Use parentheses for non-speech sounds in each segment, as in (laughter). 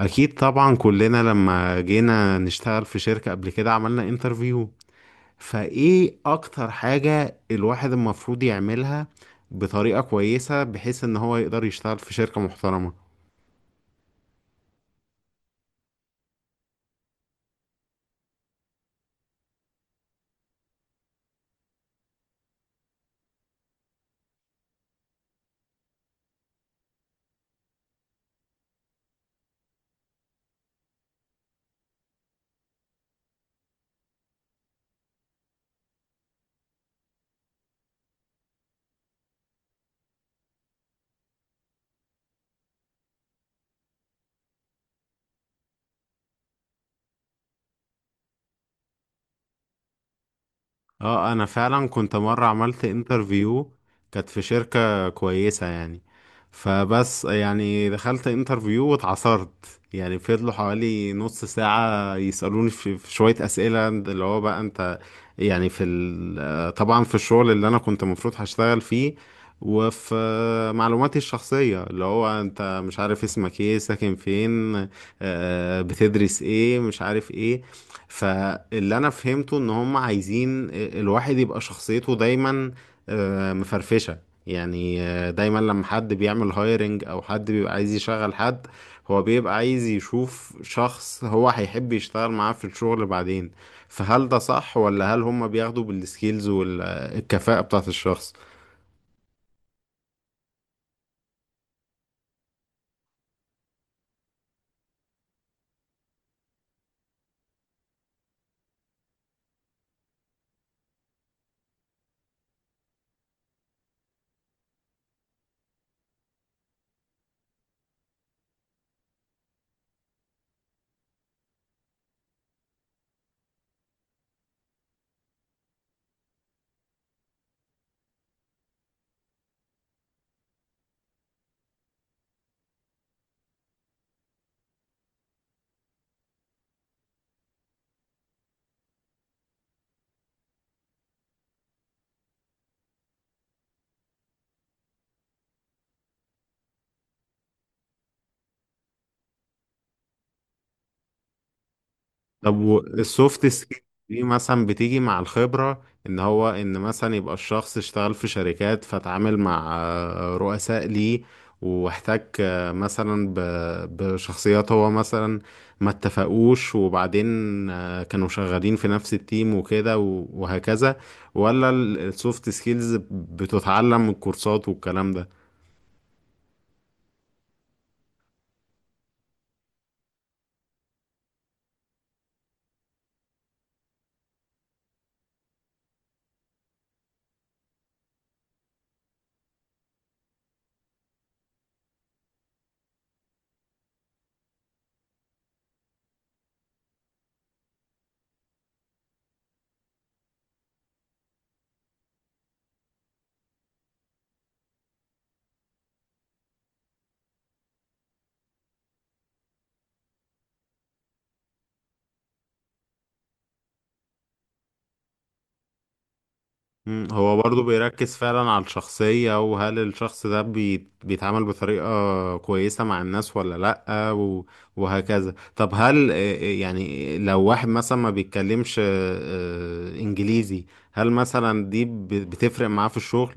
اكيد طبعا كلنا لما جينا نشتغل في شركة قبل كده عملنا انترفيو، فايه اكتر حاجة الواحد المفروض يعملها بطريقة كويسة بحيث ان هو يقدر يشتغل في شركة محترمة؟ اه انا فعلا كنت مرة عملت انترفيو، كانت في شركة كويسة يعني. فبس يعني دخلت انترفيو واتعصرت، يعني فضلوا حوالي نص ساعة يسألوني في شوية أسئلة اللي هو بقى انت، يعني طبعا في الشغل اللي انا كنت المفروض هشتغل فيه، وفي معلوماتي الشخصية اللي هو انت مش عارف اسمك ايه، ساكن فين، بتدرس ايه، مش عارف ايه. فاللي انا فهمته ان هم عايزين الواحد يبقى شخصيته دايما مفرفشة. يعني دايما لما حد بيعمل هايرنج او حد بيبقى عايز يشغل حد، هو بيبقى عايز يشوف شخص هو هيحب يشتغل معاه في الشغل بعدين. فهل ده صح ولا هل هم بياخدوا بالسكيلز والكفاءة بتاعت الشخص؟ طب السوفت سكيل دي مثلا بتيجي مع الخبرة، ان هو ان مثلا يبقى الشخص اشتغل في شركات فتعامل مع رؤساء ليه، واحتك مثلا بشخصيات هو مثلا ما اتفقوش، وبعدين كانوا شغالين في نفس التيم وكده وهكذا. ولا السوفت سكيلز بتتعلم من الكورسات والكلام ده؟ مم، هو برضه بيركز فعلا على الشخصية، وهل الشخص ده بيتعامل بطريقة كويسة مع الناس ولا؟ لأ وهكذا. طب هل يعني لو واحد مثلا ما بيتكلمش إنجليزي، هل مثلا دي بتفرق معاه في الشغل؟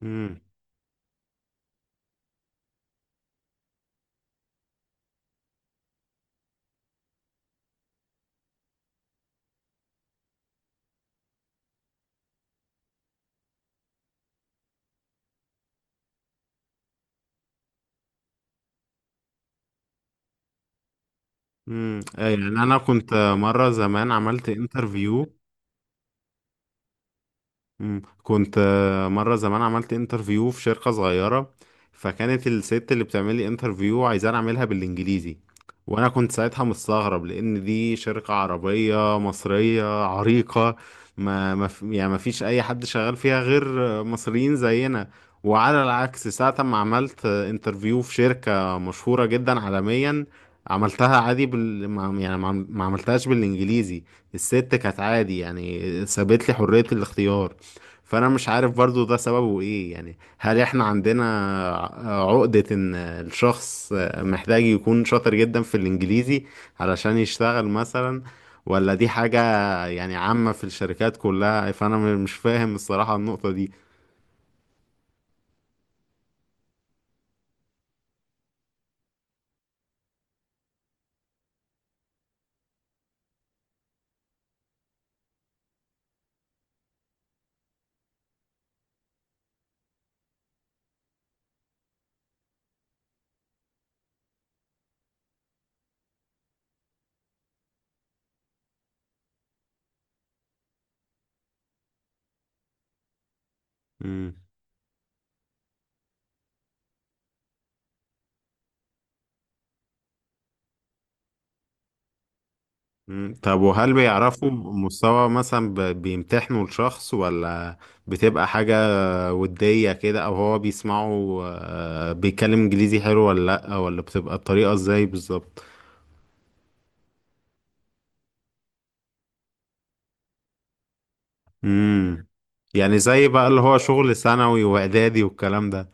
مم. مم. يعني أنا كنت مرة زمان عملت انترفيو. مم. كنت مرة زمان عملت انترفيو في شركة صغيرة، فكانت الست اللي بتعمل لي انترفيو عايزاني اعملها بالانجليزي. وانا كنت ساعتها مستغرب لان دي شركة عربية مصرية عريقة، ما ما ف- يعني ما فيش اي حد شغال فيها غير مصريين زينا. وعلى العكس ساعة ما عملت انترفيو في شركة مشهورة جدا عالميا، عملتها عادي بال... ما- يعني ما عملتهاش بالانجليزي. الست كانت عادي يعني، سابت لي حرية الاختيار. فانا مش عارف برضو ده سببه ايه، يعني هل احنا عندنا عقدة ان الشخص محتاج يكون شاطر جدا في الانجليزي علشان يشتغل مثلا، ولا دي حاجة يعني عامة في الشركات كلها؟ فانا مش فاهم الصراحة النقطة دي. مم. مم. طب وهل بيعرفوا مستوى مثلا، بيمتحنوا الشخص، ولا بتبقى حاجة ودية كده، او هو بيسمعوا بيتكلم انجليزي حلو ولا لا، ولا بتبقى الطريقة ازاي بالظبط؟ امم. يعني زي بقى اللي هو شغل ثانوي واعدادي والكلام ده؟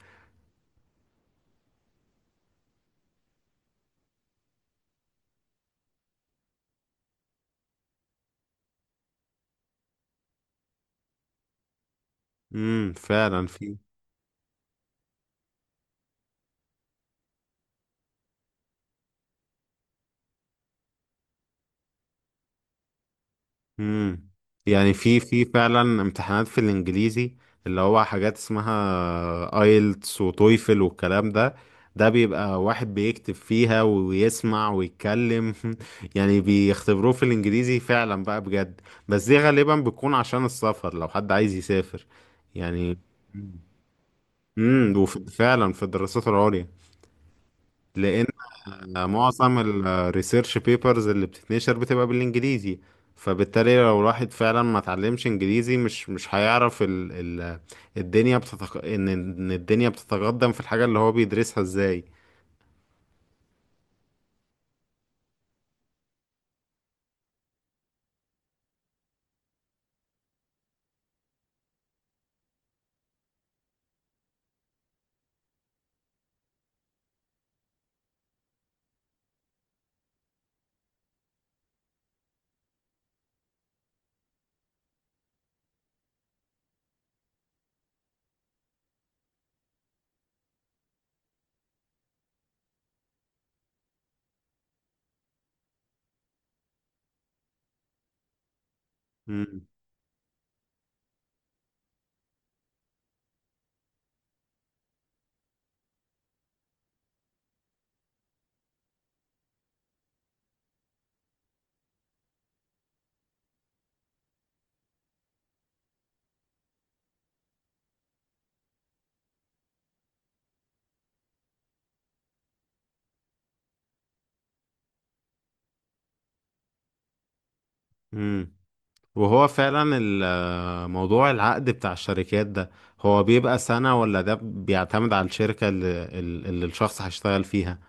امم، فعلا في. امم، يعني في فعلا امتحانات في الانجليزي، اللي هو حاجات اسمها ايلتس وتويفل والكلام ده. ده بيبقى واحد بيكتب فيها ويسمع ويتكلم (laughs) يعني بيختبروه في الانجليزي فعلا بقى بجد. بس دي غالبا بتكون عشان السفر لو حد عايز يسافر يعني. امم، وفعلا في الدراسات العليا، لان معظم الريسيرش بيبرز اللي بتتنشر بتبقى بالانجليزي. فبالتالي لو الواحد فعلا ما اتعلمش انجليزي مش هيعرف ال ال ان الدنيا بتتقدم في الحاجة اللي هو بيدرسها ازاي. مم. مم. وهو فعلا موضوع العقد بتاع الشركات ده، هو بيبقى سنة، ولا ده بيعتمد على الشركة اللي الشخص هيشتغل فيها؟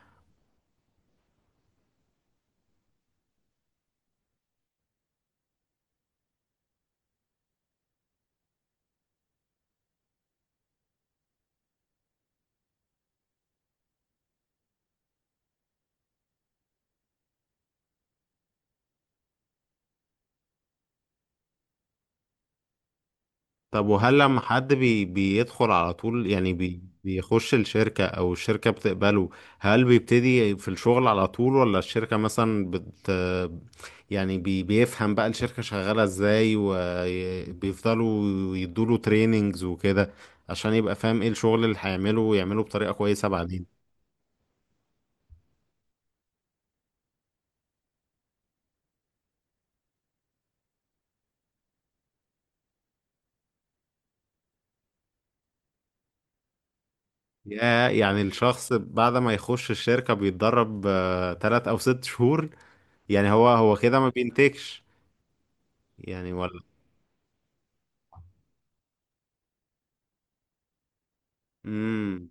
طب وهل لما حد بيدخل على طول، يعني بيخش الشركة أو الشركة بتقبله، هل بيبتدي في الشغل على طول، ولا الشركة مثلا يعني بيفهم بقى الشركة شغالة ازاي، وبيفضلوا يدوله تريننجز وكده عشان يبقى فاهم ايه الشغل اللي هيعمله ويعمله بطريقة كويسة بعدين؟ يا يعني الشخص بعد ما يخش الشركة بيتدرب 3 أو 6 شهور، يعني هو كده ما بينتجش يعني ولا؟ مم.